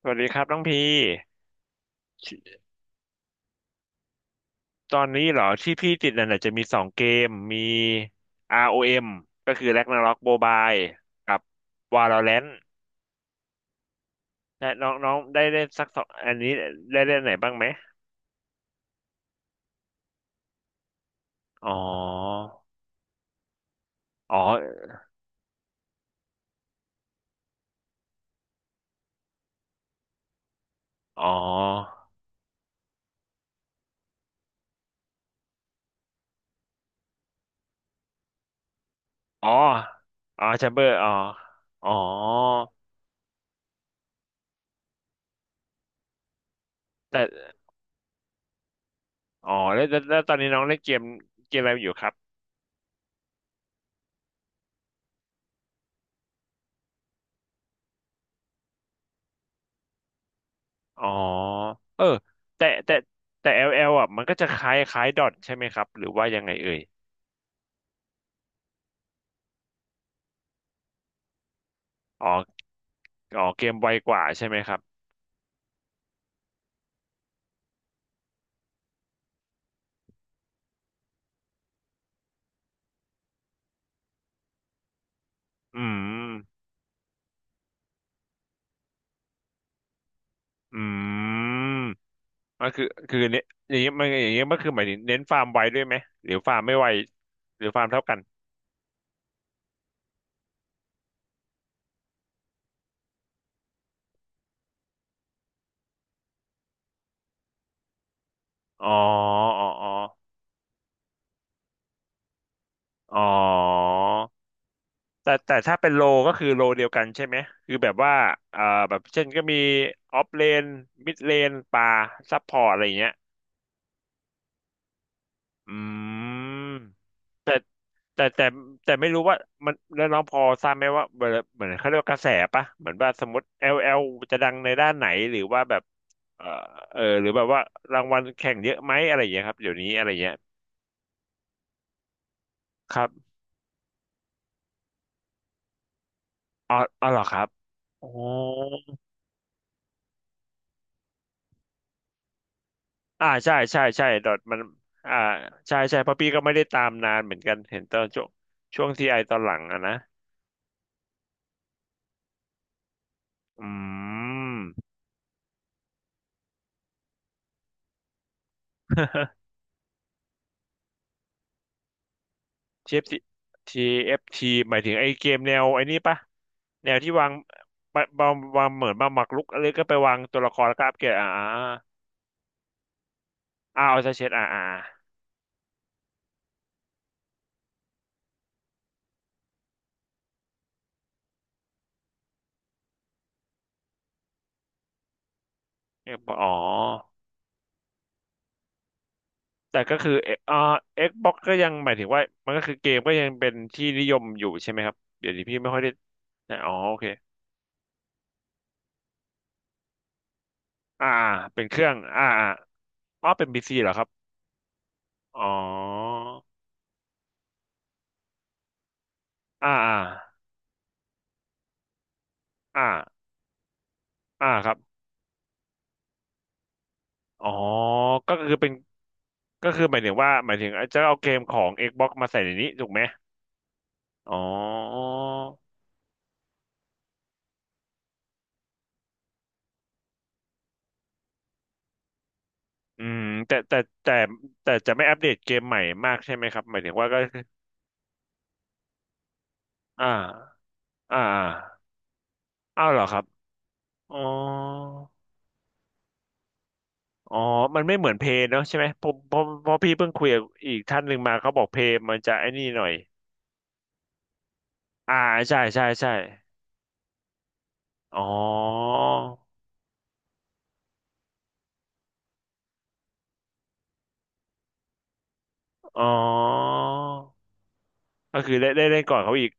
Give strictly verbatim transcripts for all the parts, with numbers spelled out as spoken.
สวัสดีครับน้องพีชิตอนนี้เหรอที่พี่ติดนั่นน่ะจะมีสองเกมมี ROM ก็คือ Ragnarok Mobile กับ Valorant นะน้องน้องได้เล่นสักสองอันนี้ได้เล่นไหนบ้างไหม อ๋อ อ๋อ อ๋อ อ๋อ อ๋อแชมเบอร์อ๋อ อ๋อ แต่อ๋อแล้วแล้วแล้วตอนนี้น้องเล่นเกมเกมอะไรอยู่ครับ อ๋อ เออ แต่แต่แต่ แอล แอล อลแอลอ่ะมันก็จะคล้ายคล้ายดอทใช่ไหมครับหรือว่ายังไงเอ่ยอ๋อ อ๋อเกมไวกว่าใช่ไหมครับ อืมอืมก็คือคือเน้นอย่างเงี้ยมันอย่างเงี้ยมันคือหมายถึงเน้นฟาร์มไวด้วยไหมหรือฟาร์มไม่ไวหรือฟาร์มเท่ากันอ๋ออ๋ออ๋ออ๋อแต่แต่ถ้าเป็นโลก็คือโลเดียวกันใช่ไหมคือแบบว่าเอ่อแบบเช่นก็มีออฟเลนมิดเลนป่าซัพพอร์ตอะไรอย่างเงี้ยอืม แต่แต่แต่แต่ไม่รู้ว่ามันแล้วน้องพอทราบไหมว่าเหมือนเหมือนเขาเรียกว่ากระแสปะเหมือนว่าสมมติแอลแอลจะดังในด้านไหนหรือว่าแบบเออเออหรือแบบว่ารางวัลแข่งเยอะไหมอะไรอย่างเงี้ยครับเดี๋ยวนี้อะไรเงี้ยครับอ๋ออ๋อเหรอครับอ๋ออ่าใช่ใช่ใช่ดอทมันอ่าใช่ใช่เพราะพี่ก็ไม่ได้ตามนานเหมือนกันเห็นตอนช่วงช่วงทีไอตอนหลังอะนะอืม ที เอฟ ที ที เอฟ ที หมายถึงไอ้เกมแนวไอ้นี่ปะแนวที่วางปะบางวางเหมือนบางหมากรุกอะไรก็ไปวางตัวละครแล้วก็อัปเกรดอ่าอ่าเอาใเช็ดอ่าอ่าเอ็กบอกอ๋อแต่ก็คือเออ่า Xbox ก็ยังหมายถึงว่ามันก็คือเกมก็ยังเป็นที่นิยมอยู่ใช่ไหมครับเดี๋ยวนี้พี่ไม่ค่อยได้อ๋อโอเคอ่าเป็นเครื่องอ่าอ่าอ๋อเป็น พี ซี เหรอครับอ๋ออ่าอ่าอ่าอ่าครับอ๋อก็คือเป็น ก็คือหมายถึงว่าหมายถึงจะเอาเกมของ Xbox มาใส่ในนี้ถูกไหมอ๋ออืมแต่แต่แต่แต่จะไม่อัปเดตเกมใหม่มากใช่ไหมครับหมายถึงว่าก็คืออ่าอ่าอ้าวเหรอครับอ๋อ อ๋อมันไม่เหมือนเพย์เนอะใช่ไหมผมเพราะเพราะพี่เพิ่งคุยกับอีกท่านหนึ่งมาเขาบอกเพย์มันจะไอ้นี่หน่อยอ่าใช่ใช่ใช่อ๋ออ๋อก็คือได้ได้เล่นก่อนเขาอีก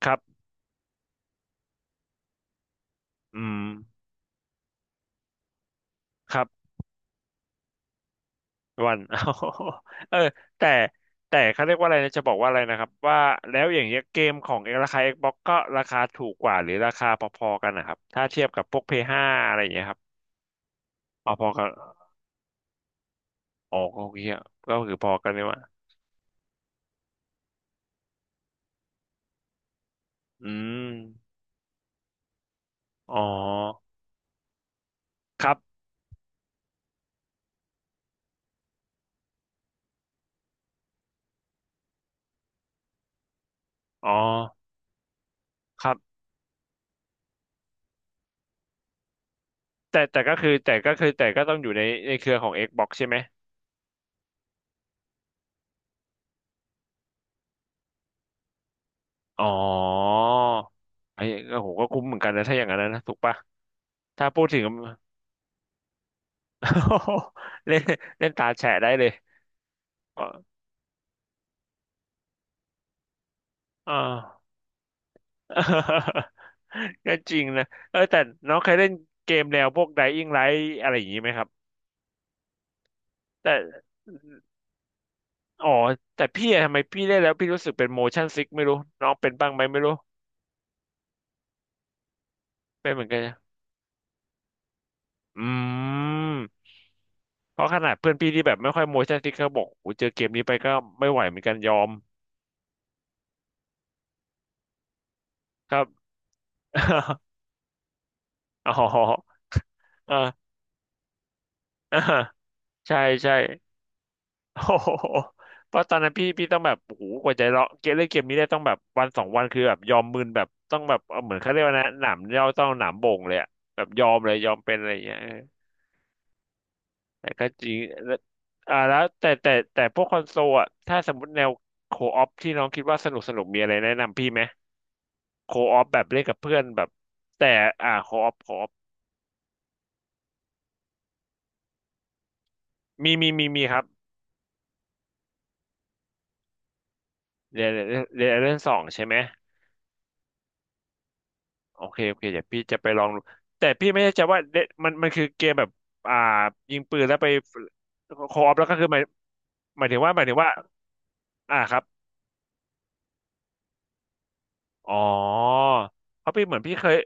ครับอืมครับ วัน เออแต่แต่เขาเรียกว่าอะไรนะจะบอกว่าอะไรนะครับว่าแล้วอย่างเงี้ยเกมของเอราคา Xbox ก็ราคาถูกกว่าหรือราคาพอๆกันนะครับถ้าเทียบกับพวกพีเอสห้าอะไรอย่างเงี้ยครับเอาพอกันอ๋อก็โอเคอะก็คือพอกันเลยว่าอืมอ๋อครับอ๋อครับแต่แต่ก็คือแต่ก็คือแต่ก็ต้องอยู่ในในเครือของ Xbox ใช่ไหมอ๋อไอ้ก็โหก็คุ้มเหมือนกันนะถ้าอย่างนั้นนะถูกปะถ้าพูดถึง เล่นเล่นตาแฉะได้เลย อ๋ออ่า ก็จริงนะเออแต่น้องเคยเล่นเกมแนวพวก Dying Light อะไรอย่างนี้ไหมครับแต่อ๋อแต่พี่อะทำไมพี่เล่นแล้วพี่รู้สึกเป็น motion sick ไม่รู้น้องเป็นบ้างไหมไม่รู้เป็นเหมือนกันนะอืมเพราะขนาดเพื่อนพี่ที่แบบไม่ค่อย motion sick เขาบอกโอ้เจอเกมนี้ไปก็ไม่ไหวเหมือนกันยอมครับ อ๋ออ่าอ่า ใช่ใช่ โอ้โหเพราะตอนนั้นพี่พี่ต้องแบบโอ้โหกว่าจะเลาะเกมเล่นเกมนี้ได้ต้องแบบวันสองวันคือแบบยอมมึนแบบต้องแบบเอาเหมือนเขาเรียกว่านะหนามย่อต้องหนามบ่งเลยอะแบบยอมเลยยอมเป็นอะไรอย่างเงี้ยเออแต่ก็จริงแล้วอ่าแล้วแต่แต่แต่พวกคอนโซลอะถ้าสมมติแนวโคออปที่น้องคิดว่าสนุกสนุกมีอะไรแนะนำพี่ไหมโคออปแบบเล่นกับเพื่อนแบบแต่อ่าโคออปโคออปมีมีมีมีครับเรียนเรียนเรเรื่องสองใช่ไหม โอเคโอเคเดี๋ยวพี่จะไปลองดูแต่พี่ไม่แน่ใจว่าเดมันมันคือเกมแบบอ่ายิงปืนแล้วไปโคออฟแล้วก็คือหมายหมายถึงว่าหมายถึงว่าอ่าครับอ๋อเพราะพี่เหมือนพี่เคย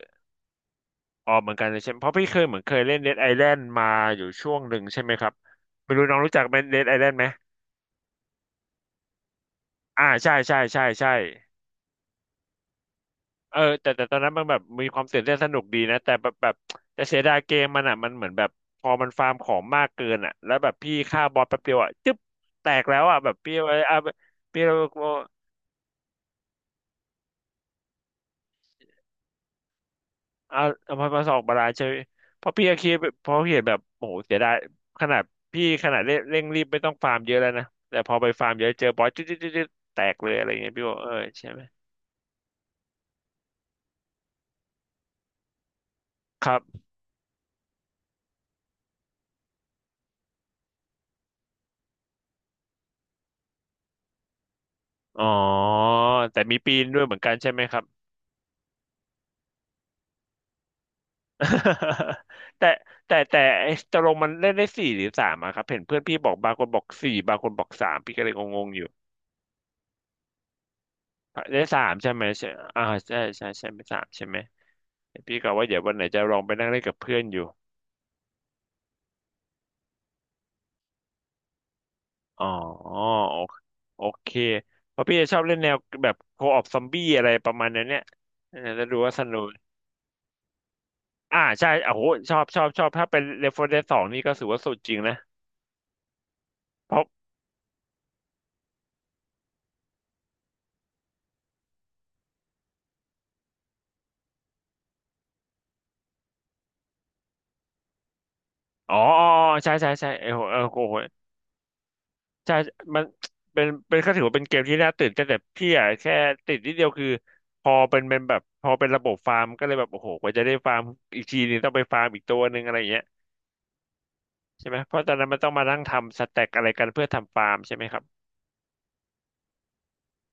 อ๋อเหมือนกันเลยใช่ไหมเพราะพี่เคยเหมือนเคยเล่นเ e ดไอแลนด์มาอยู่ช่วงหนึ่งใช่ไหมครับไม่รู้น้องรู้จักไหมเ e ดไอแลนด์ไหมอ่าใช่ใช่ใช่ใช่ เออแต่แต่ตอนนั้นมันแบบมีความตื่นเต้นสนุกดีนะแต่แบบแบบแต่เสียดายเกมมันอ่ะมันเหมือนแบบพอมันฟาร์มของมากเกินอ่ะแล้วแบบพี่ฆ่าบอสแป๊บเดียวอ่ะจึ๊บแตกแล้วอ่ะแบบพี่เอาเอาพี่เอาเอาเอามามาสองบาลานซ์ใช่ไหมเพราะพี่ก็คิดเพราะพี่เห็นแบบโอ้โหเสียดายขนาดพี่ขนาดเร่งเร่งรีบไม่ต้องฟาร์มเยอะแล้วนะแต่พอไปฟาร์มเยอะเจอบอสจึ๊บจึ๊บจึ๊บจึ๊บแตกเลยอะไรเงี้ยพี่บอกเออใช่ไหมครับอ๋อแต่มีปีนด้วยเหมือนกันใช่ไหมครับ แต่แต่แต่ไอ้ตกลงมันเล่นได้สี่หรือสามอะครับเห็นเพื่อนพี่บอกบางคนบอกสี่บางคนบอกสามพี่ก็เลยงงๆอยู่ได้สามใช่ไหมใช่อ่าใช่ใช่ใช่ไม่สามใช่ไหมพี่ก็ว่าเดี๋ยววันไหนจะลองไปนั่งเล่นกับเพื่อนอยู่อ๋อโอโอเคเพราะพี่จะชอบเล่นแนวแบบโคออปซอมบี้อะไรประมาณนั้นเนี่ยเออแล้วดูว่าสนุกอ่าใช่โอ้โหชอบชอบชอบถ้าเป็นเรฟเฟอร์เรนสองนี่ก็ถือว่าสุดจริงนะเพราะอ๋ออ๋ออ๋อใช่ใช่ใช่เออโเอ้โห ใช่มันเป็นเป็นก็ถือว่าเป็นเกมที่น่าตื่นเต้นแต่พี่อะแค่ติดนิดเดียวคือพอเป็นเป็นแบบพอเป็นระบบฟาร์มก็เลยแบบโอ้โหกว่าจะได้ฟาร์มอีกทีนึงต้องไปฟาร์มอีกตัวหนึ่งอะไรอย่างเงี้ยใช่ไหมเพราะตอนนั้นมันต้องมานั่งทำสแต็กอะไรกันเพื่อทำฟาร์มใช่ไหมครับ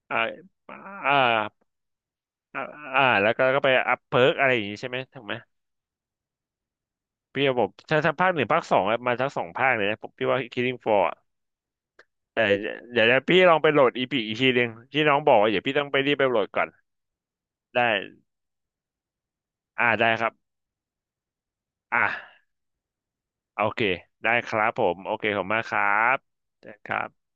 อ่าอ่าอ่าอ่าแล้วก็ก็ไปอัพเพิร์กอะไรอย่างงี้ใช่ไหมถูกไหมพี่ระบบถ้าถ้าภาคหนึ่งภาคสองอะมาทั้งสองภาคเลยนะผมพี่ว่า คิลลิ่งฟลอร์ อะแต่เดี๋ยวเดี๋ยวพี่ลองไปโหลดอี พีอีกทีหนึ่งที่น้องบอกว่าเดี๋ยวพี่ต้องไปรีบไปโหลดก่อนได้อ่าได้ครับ อ่ะโอเคได้ครับผมโอเคขอบคุณมากครับได้ครับ